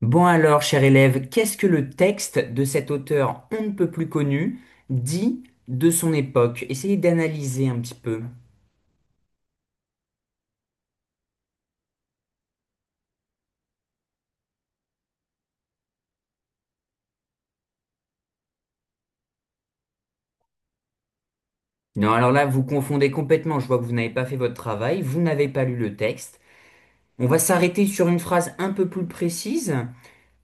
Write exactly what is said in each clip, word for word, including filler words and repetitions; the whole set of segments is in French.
Bon alors, cher élève, qu'est-ce que le texte de cet auteur on ne peut plus connu dit de son époque? Essayez d'analyser un petit peu. Non, alors là, vous confondez complètement. Je vois que vous n'avez pas fait votre travail, vous n'avez pas lu le texte. On va s'arrêter sur une phrase un peu plus précise.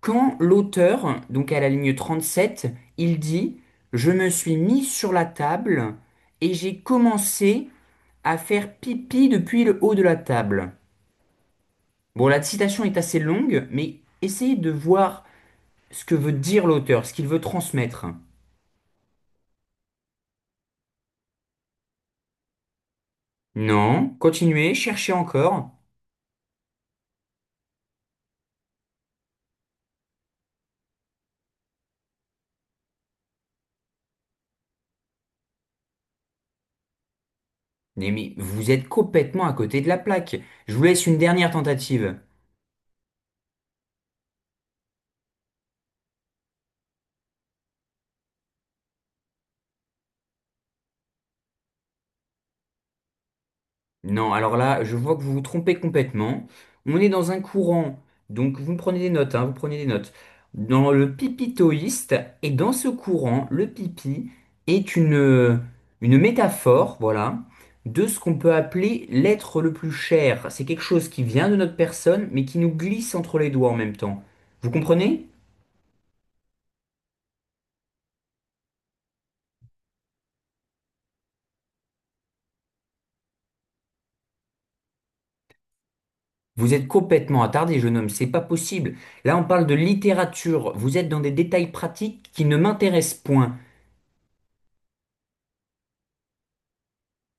Quand l'auteur, donc à la ligne trente-sept, il dit, Je me suis mis sur la table et j'ai commencé à faire pipi depuis le haut de la table. Bon, la citation est assez longue, mais essayez de voir ce que veut dire l'auteur, ce qu'il veut transmettre. Non, continuez, cherchez encore. Mais, mais vous êtes complètement à côté de la plaque. Je vous laisse une dernière tentative. Non, alors là, je vois que vous vous trompez complètement. On est dans un courant, donc vous me prenez des notes, hein, vous prenez des notes. Dans le pipitoïste, et dans ce courant, le pipi est une, euh, une métaphore, voilà, de ce qu'on peut appeler l'être le plus cher. C'est quelque chose qui vient de notre personne, mais qui nous glisse entre les doigts en même temps. Vous comprenez? Vous êtes complètement attardé, jeune homme, c'est pas possible. Là, on parle de littérature, vous êtes dans des détails pratiques qui ne m'intéressent point.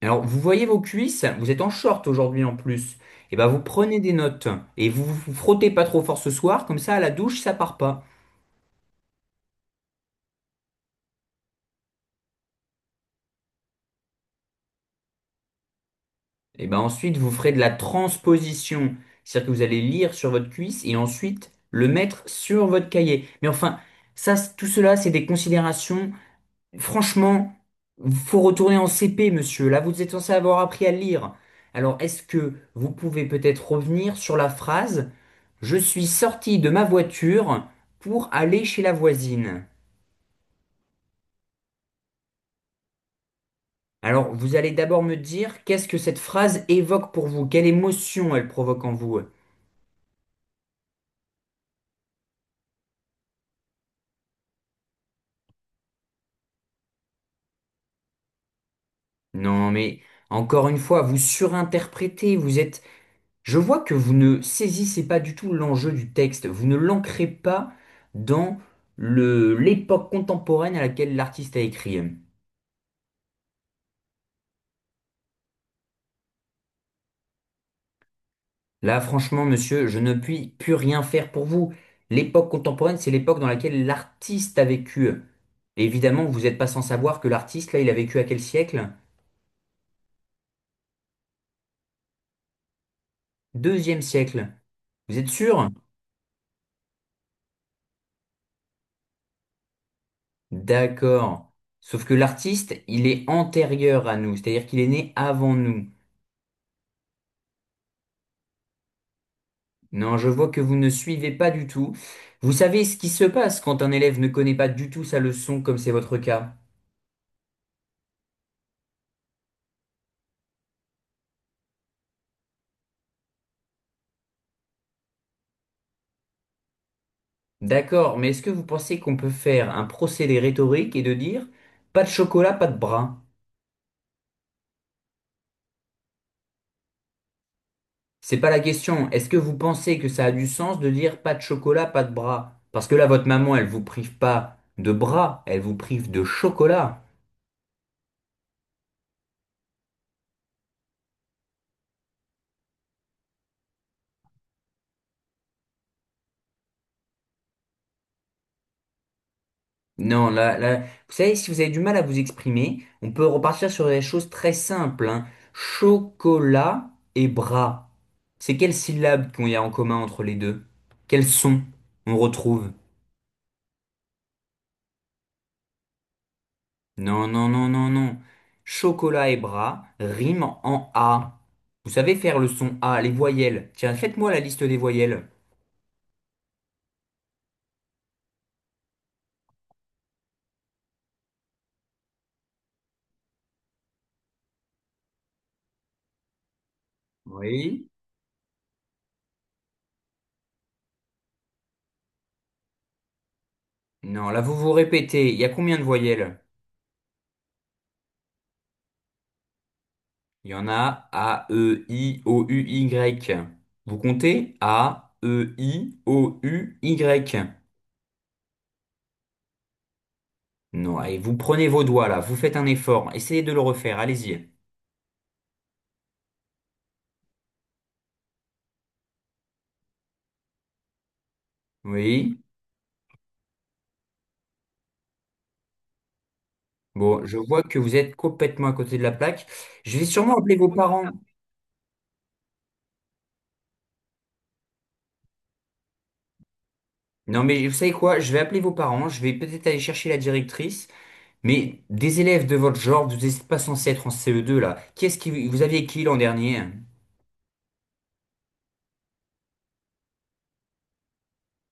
Alors, vous voyez vos cuisses, vous êtes en short aujourd'hui en plus. Et ben, vous prenez des notes et vous vous frottez pas trop fort ce soir, comme ça à la douche ça part pas. Et ben ensuite vous ferez de la transposition, c'est-à-dire que vous allez lire sur votre cuisse et ensuite le mettre sur votre cahier. Mais enfin, ça, c- tout cela c'est des considérations. Franchement, faut retourner en C P, monsieur. Là, vous êtes censé avoir appris à lire. Alors, est-ce que vous pouvez peut-être revenir sur la phrase Je suis sorti de ma voiture pour aller chez la voisine. Alors, vous allez d'abord me dire qu'est-ce que cette phrase évoque pour vous, quelle émotion elle provoque en vous. Non, mais encore une fois, vous surinterprétez, vous êtes. Je vois que vous ne saisissez pas du tout l'enjeu du texte, vous ne l'ancrez pas dans le, l'époque contemporaine à laquelle l'artiste a écrit. Là, franchement, monsieur, je ne puis plus rien faire pour vous. L'époque contemporaine, c'est l'époque dans laquelle l'artiste a vécu. Évidemment, vous n'êtes pas sans savoir que l'artiste, là, il a vécu à quel siècle? Deuxième siècle. Vous êtes sûr? D'accord. Sauf que l'artiste, il est antérieur à nous, c'est-à-dire qu'il est né avant nous. Non, je vois que vous ne suivez pas du tout. Vous savez ce qui se passe quand un élève ne connaît pas du tout sa leçon, comme c'est votre cas. D'accord, mais est-ce que vous pensez qu'on peut faire un procédé rhétorique et de dire pas de chocolat, pas de bras? C'est pas la question. Est-ce que vous pensez que ça a du sens de dire pas de chocolat, pas de bras? Parce que là, votre maman, elle vous prive pas de bras, elle vous prive de chocolat. Non, là, là, vous savez, si vous avez du mal à vous exprimer, on peut repartir sur des choses très simples, hein. Chocolat et bras. C'est quelles syllabes qu'il y a en commun entre les deux? Quels sons on retrouve? Non, non, non, non, non. Chocolat et bras riment en A. Vous savez faire le son A, les voyelles. Tiens, faites-moi la liste des voyelles. Oui. Non, là, vous vous répétez. Il y a combien de voyelles? Il y en a A, E, I, O, U, Y. Vous comptez A, E, I, O, U, Y. Non, et vous prenez vos doigts là, vous faites un effort, essayez de le refaire, allez-y. Oui. Bon, je vois que vous êtes complètement à côté de la plaque. Je vais sûrement appeler vos parents. Non, mais vous savez quoi? Je vais appeler vos parents, je vais peut-être aller chercher la directrice. Mais des élèves de votre genre, vous n'êtes pas censés être en C E deux là. Qu'est-ce qui vous aviez qui l'an dernier?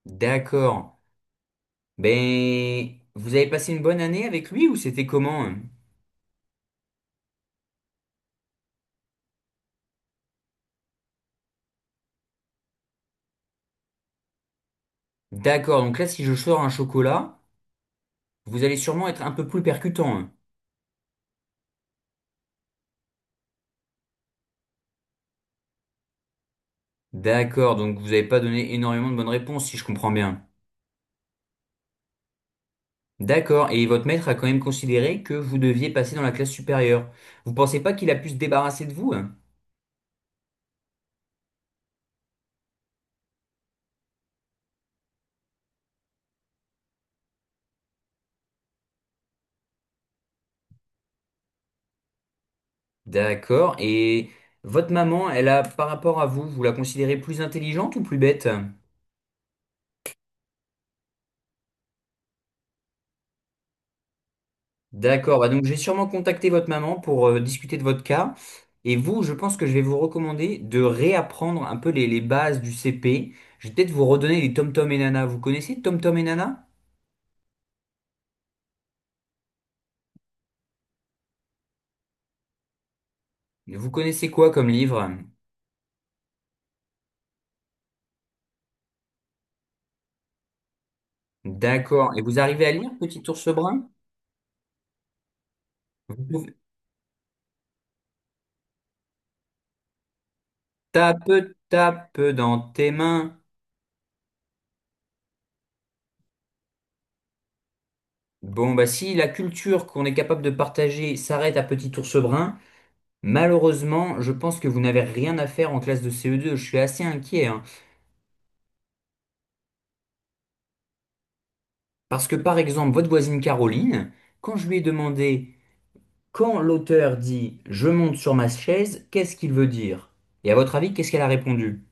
D'accord. Ben, vous avez passé une bonne année avec lui ou c'était comment? Hein. D'accord, donc là, si je sors un chocolat, vous allez sûrement être un peu plus percutant. Hein. D'accord, donc vous n'avez pas donné énormément de bonnes réponses, si je comprends bien. D'accord, et votre maître a quand même considéré que vous deviez passer dans la classe supérieure. Vous pensez pas qu'il a pu se débarrasser de vous? Hein. D'accord, et votre maman, elle a, par rapport à vous, vous la considérez plus intelligente ou plus bête? D'accord, bah donc j'ai sûrement contacté votre maman pour euh, discuter de votre cas. Et vous, je pense que je vais vous recommander de réapprendre un peu les, les bases du C P. Je vais peut-être vous redonner les Tom Tom et Nana. Vous connaissez Tom Tom et Nana? Vous connaissez quoi comme livre? D'accord. Et vous arrivez à lire, petit ours brun? Vous pouvez... Tape, tape dans tes mains. Bon, bah si la culture qu'on est capable de partager s'arrête à petit ours brun, malheureusement, je pense que vous n'avez rien à faire en classe de C E deux. Je suis assez inquiet, hein. Parce que par exemple, votre voisine Caroline, quand je lui ai demandé quand l'auteur dit je monte sur ma chaise, qu'est-ce qu'il veut dire? Et à votre avis, qu'est-ce qu'elle a répondu?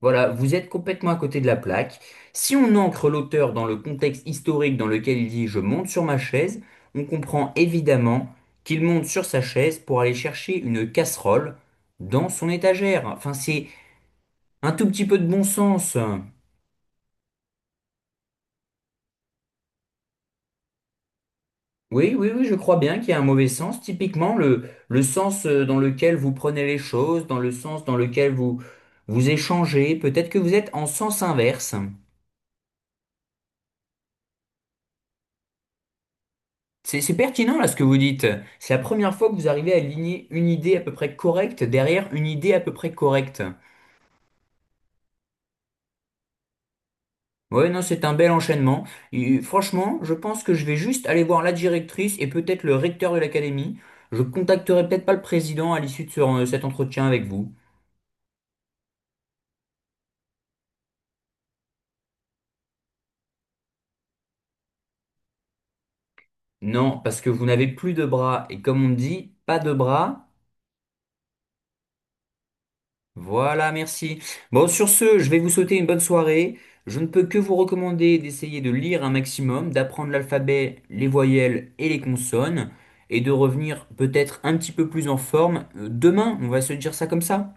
Voilà, vous êtes complètement à côté de la plaque. Si on ancre l'auteur dans le contexte historique dans lequel il dit je monte sur ma chaise, on comprend évidemment qu'il monte sur sa chaise pour aller chercher une casserole dans son étagère. Enfin, c'est un tout petit peu de bon sens. Oui, oui, oui, je crois bien qu'il y a un mauvais sens. Typiquement, le, le sens euh, dans lequel vous prenez les choses, dans le sens dans lequel vous vous échangez, peut-être que vous êtes en sens inverse. C'est, c'est pertinent là ce que vous dites. C'est la première fois que vous arrivez à aligner une idée à peu près correcte derrière une idée à peu près correcte. Ouais, non, c'est un bel enchaînement. Et, euh, franchement, je pense que je vais juste aller voir la directrice et peut-être le recteur de l'académie. Je contacterai peut-être pas le président à l'issue de ce- euh, cet entretien avec vous. Non, parce que vous n'avez plus de bras. Et comme on dit, pas de bras. Voilà, merci. Bon, sur ce, je vais vous souhaiter une bonne soirée. Je ne peux que vous recommander d'essayer de lire un maximum, d'apprendre l'alphabet, les voyelles et les consonnes, et de revenir peut-être un petit peu plus en forme. Euh, Demain, on va se dire ça comme ça.